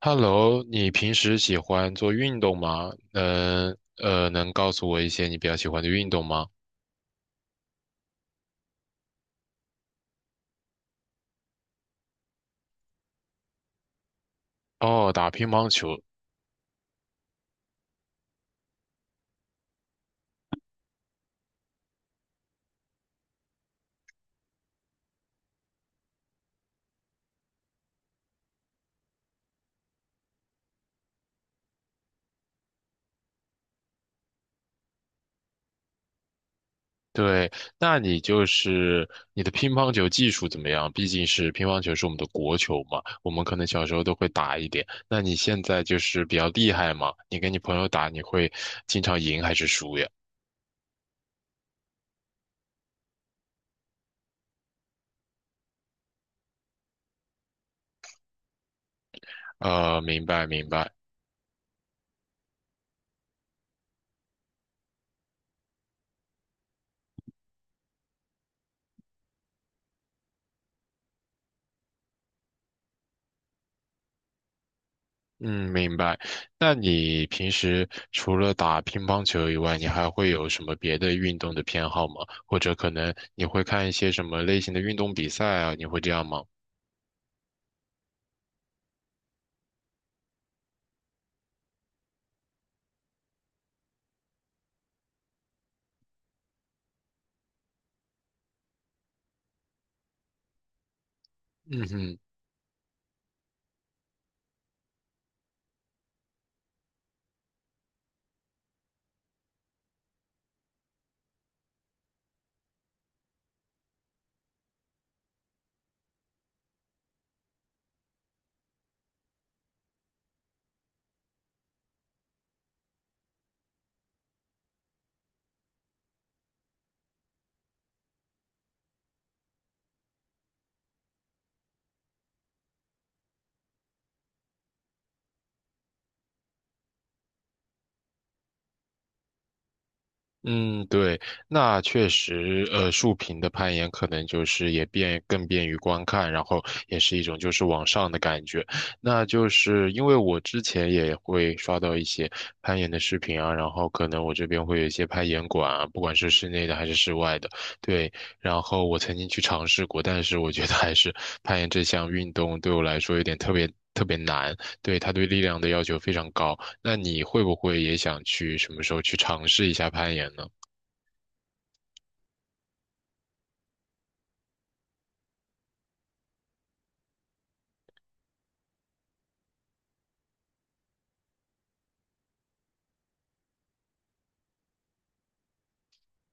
Hello，你平时喜欢做运动吗？能告诉我一些你比较喜欢的运动吗？哦，打乒乓球。对，那你就是你的乒乓球技术怎么样？毕竟是乒乓球是我们的国球嘛，我们可能小时候都会打一点。那你现在就是比较厉害吗？你跟你朋友打，你会经常赢还是输呀？明白明白。嗯，明白。那你平时除了打乒乓球以外，你还会有什么别的运动的偏好吗？或者可能你会看一些什么类型的运动比赛啊？你会这样吗？嗯哼。嗯，对，那确实，竖屏的攀岩可能就是也便更便于观看，然后也是一种就是往上的感觉。那就是因为我之前也会刷到一些攀岩的视频啊，然后可能我这边会有一些攀岩馆啊，不管是室内的还是室外的，对。然后我曾经去尝试过，但是我觉得还是攀岩这项运动对我来说有点特别特别难，对，它对力量的要求非常高。那你会不会也想去什么时候去尝试一下攀岩呢？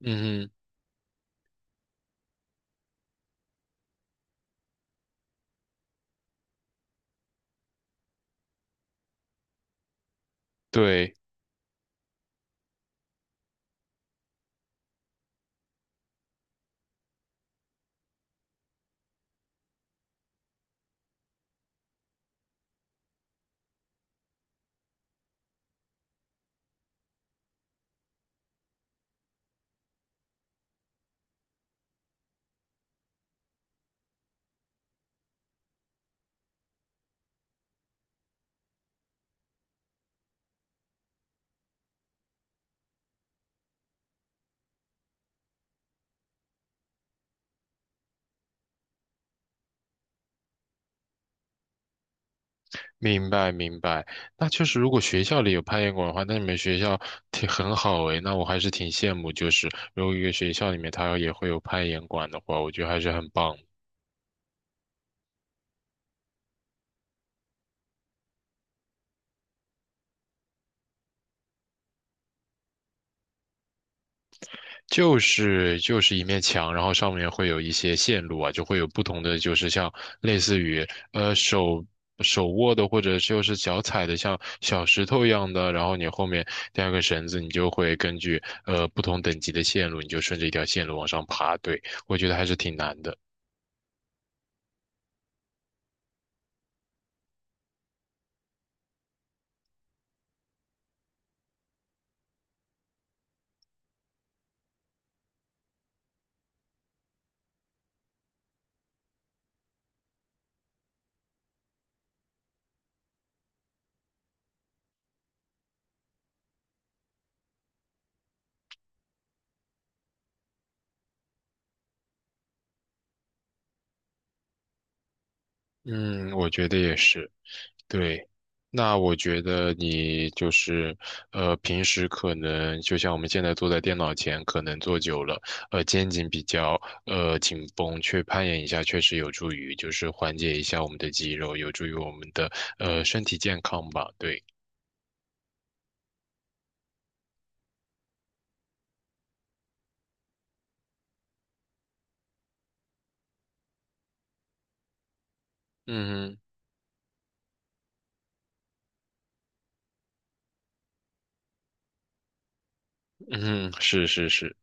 嗯哼，对，明白明白。那确实，如果学校里有攀岩馆的话，那你们学校挺很好诶。那我还是挺羡慕，就是如果一个学校里面它也会有攀岩馆的话，我觉得还是很棒。就是就是一面墙，然后上面会有一些线路啊，就会有不同的，就是像类似于呃手手握的或者就是脚踩的像小石头一样的，然后你后面带个绳子，你就会根据不同等级的线路，你就顺着一条线路往上爬。对，我觉得还是挺难的。嗯，我觉得也是。对，那我觉得你就是，平时可能就像我们现在坐在电脑前，可能坐久了，呃，肩颈比较紧绷，去攀岩一下确实有助于，就是缓解一下我们的肌肉，有助于我们的身体健康吧。对，嗯哼嗯哼，是是是。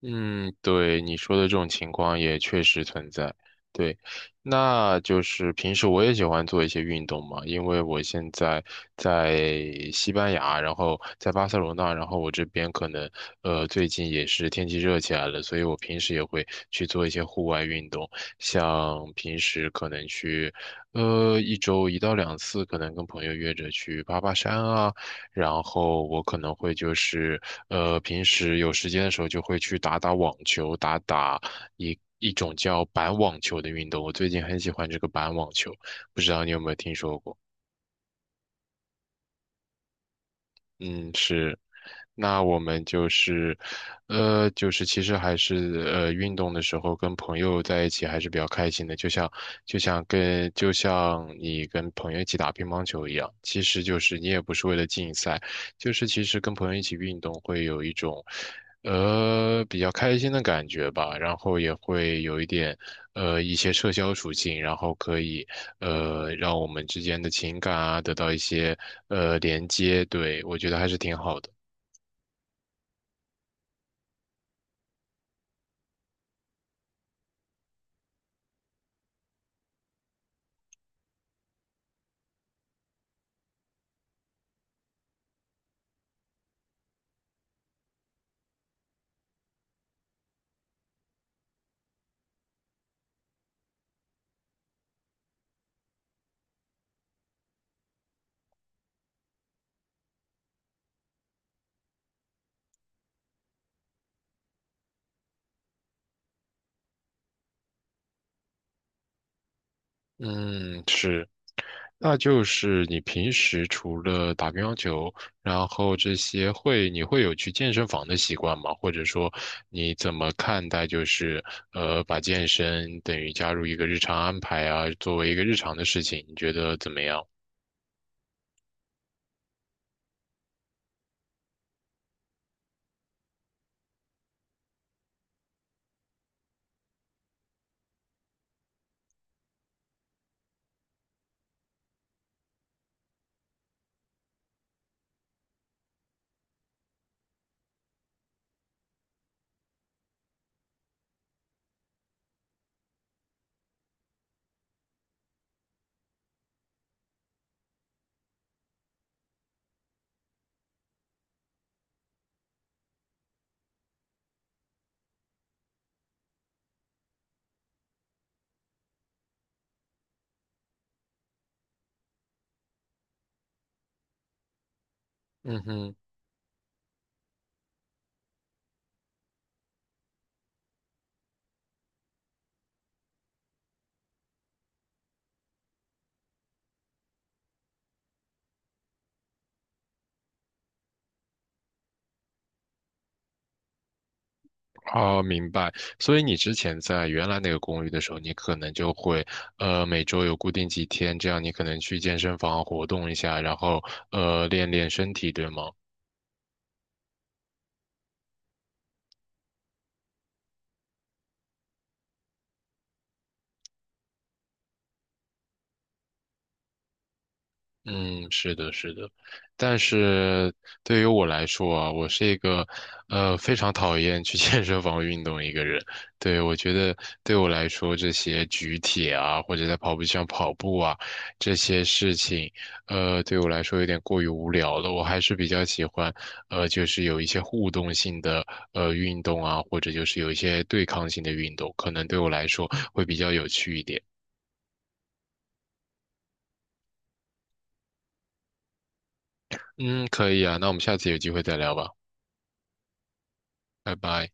嗯，对，你说的这种情况也确实存在。对，那就是平时我也喜欢做一些运动嘛，因为我现在在西班牙，然后在巴塞罗那，然后我这边可能最近也是天气热起来了，所以我平时也会去做一些户外运动，像平时可能去一周一到两次，可能跟朋友约着去爬爬山啊。然后我可能会就是，平时有时间的时候就会去打打网球，打打一种叫板网球的运动。我最近很喜欢这个板网球，不知道你有没有听说过？嗯，是那我们就是，就是其实还是运动的时候跟朋友在一起还是比较开心的，就像你跟朋友一起打乒乓球一样，其实就是你也不是为了竞赛，就是其实跟朋友一起运动会有一种，比较开心的感觉吧，然后也会有一点一些社交属性，然后可以让我们之间的情感啊得到一些连接，对，我觉得还是挺好的。嗯，是，那就是你平时除了打乒乓球，然后这些会，你会有去健身房的习惯吗？或者说，你怎么看待就是把健身等于加入一个日常安排啊，作为一个日常的事情，你觉得怎么样？嗯哼，好，明白。所以你之前在原来那个公寓的时候，你可能就会，每周有固定几天，这样你可能去健身房活动一下，然后练练身体，对吗？嗯，是的，是的，但是对于我来说啊，我是一个，非常讨厌去 健身房运动一个人。对，我觉得对我来说，这些举铁啊，或者在跑步机上跑步啊，这些事情，对我来说有点过于无聊了。我还是比较喜欢，就是有一些互动性的，运动啊，或者就是有一些对抗性的运动，可能对我来说会比较有趣一点。嗯，可以啊，那我们下次有机会再聊吧，拜拜。